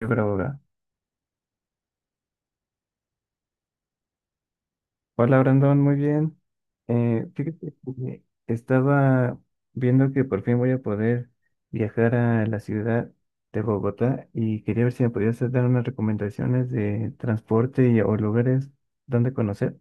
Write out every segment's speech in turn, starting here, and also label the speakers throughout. Speaker 1: Yo grabo acá. Hola Brandon, muy bien. Fíjate que estaba viendo que por fin voy a poder viajar a la ciudad de Bogotá y quería ver si me podías dar unas recomendaciones de transporte y, o lugares donde conocer.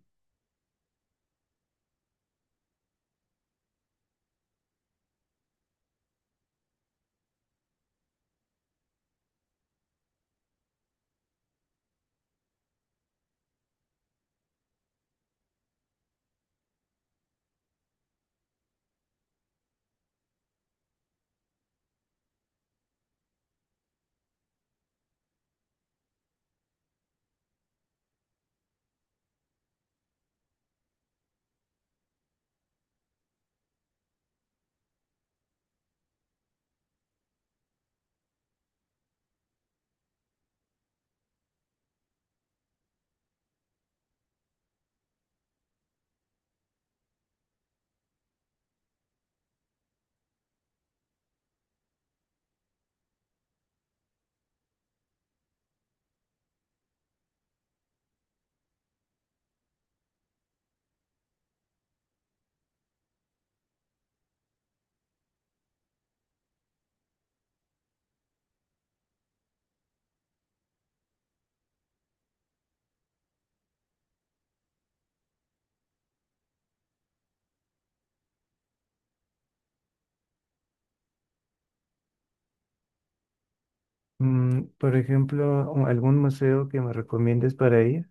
Speaker 1: Mm, por ejemplo, o algún museo que me recomiendes para ir.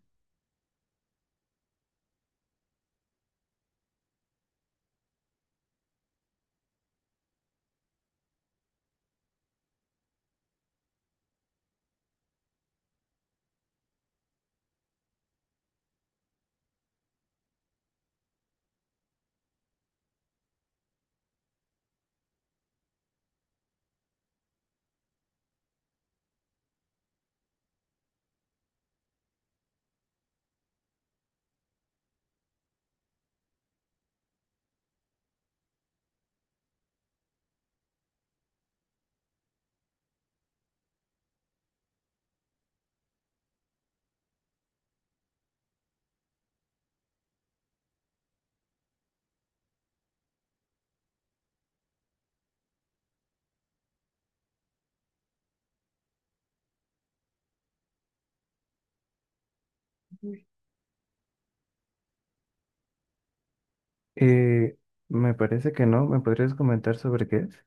Speaker 1: Eh, Me parece que no. ¿Me podrías comentar sobre qué es?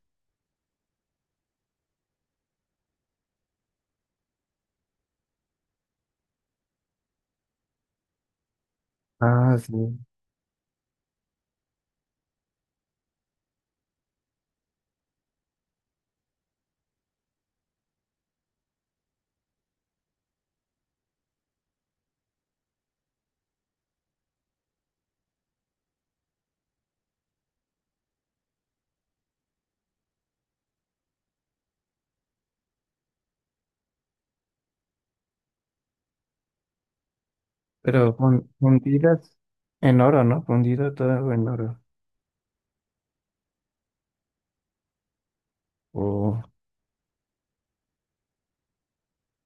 Speaker 1: Ah, sí. Fundidas en oro, ¿no? Fundido todo en oro. O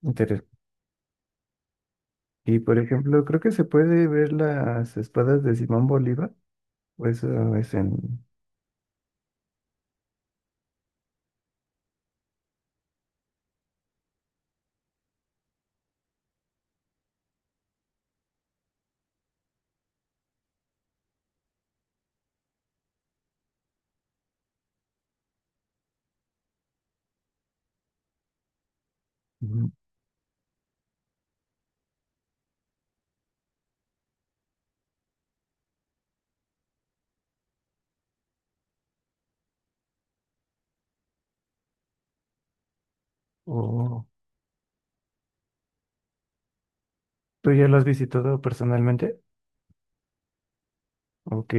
Speaker 1: Inter- y por ejemplo, creo que se puede ver las espadas de Simón Bolívar, o eso es en... Ujú. o- ¿Tú ya lo has visitado personalmente? Ok,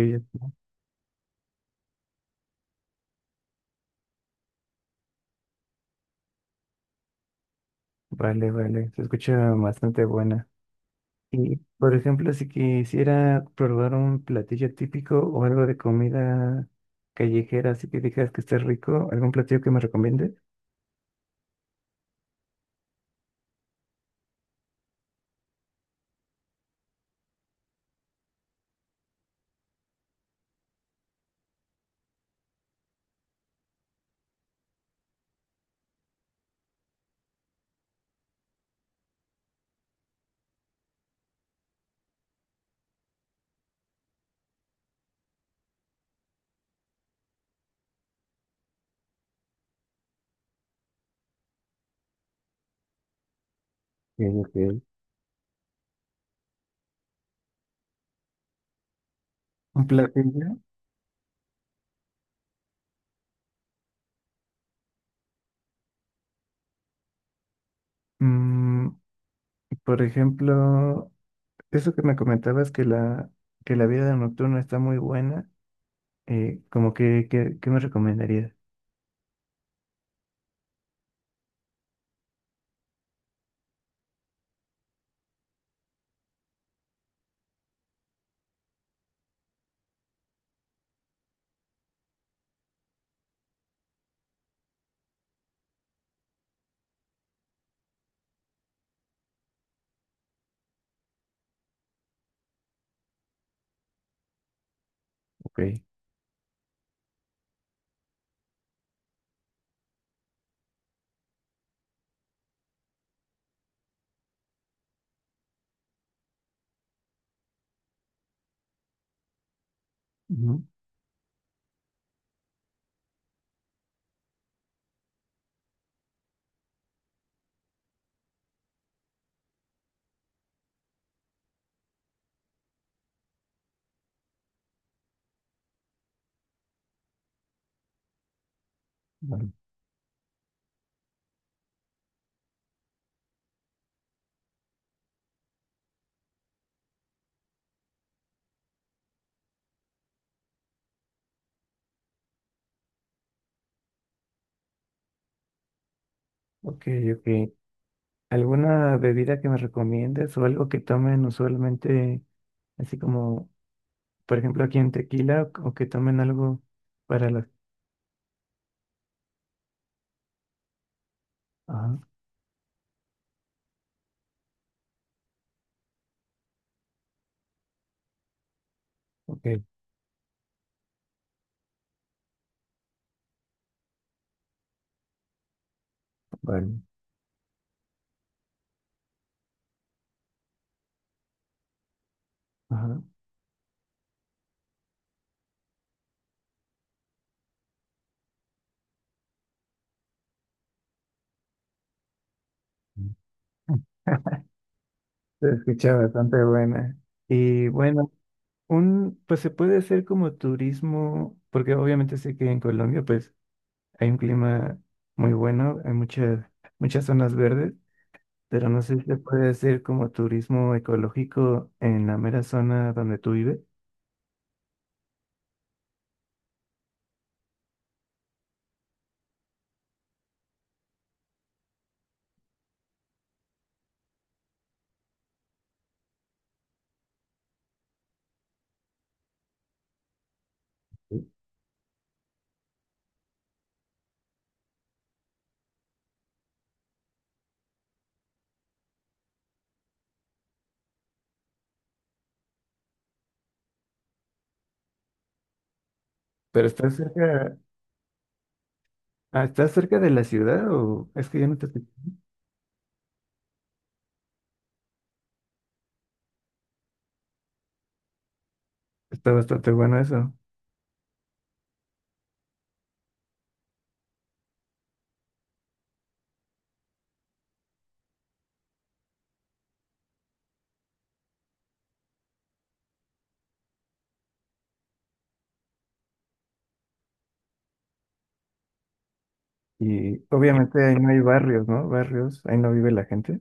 Speaker 1: vale, vale, se escucha bastante buena. Y por ejemplo, si quisiera probar un platillo típico o algo de comida callejera, así que digas que esté rico, ¿algún platillo que me recomiende? Ok, ok. ¿Un platillo? Mm, por ejemplo... Eso que me comentabas que la vida nocturna está muy buena, como que, ¿qué me recomendarías? Ok. Ujú. Bueno, ok, ok. ¿Alguna bebida que me recomiendes o algo que tomen usualmente, así como, por ejemplo, aquí en tequila, o que tomen algo para las... Ajá, ok, vale. Ajá. Se escucha bastante buena. Y bueno, un, pues se puede hacer como turismo, porque obviamente sé que en Colombia, pues hay un clima muy bueno, hay muchas, muchas zonas verdes, pero no sé si se puede hacer como turismo ecológico en la mera zona donde tú vives. Pero estás cerca, ah, ¿estás cerca de la ciudad o es que ya no te... Está bastante bueno eso. Y obviamente ahí no hay barrios, ¿no? Barrios, ahí no vive la gente.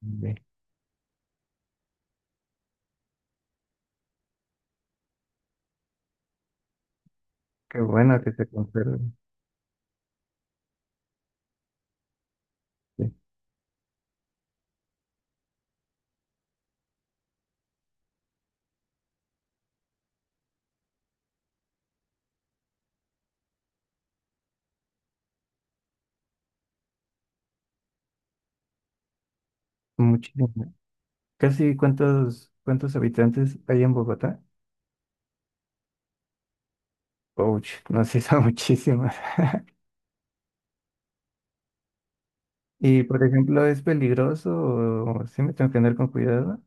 Speaker 1: Sí. Qué bueno que se conserve. Sí. Muchísimo. ¿Casi cuántos, cuántos habitantes hay en Bogotá? Ouch, no sé, son muchísimos. Y por ejemplo, ¿es peligroso o sí me tengo que andar con cuidado?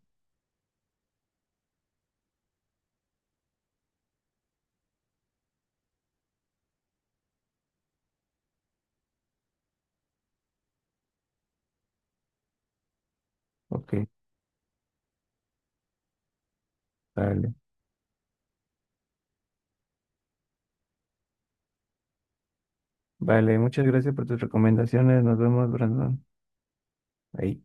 Speaker 1: Ok, vale. Vale, muchas gracias por tus recomendaciones. Nos vemos, Brandon. Ahí.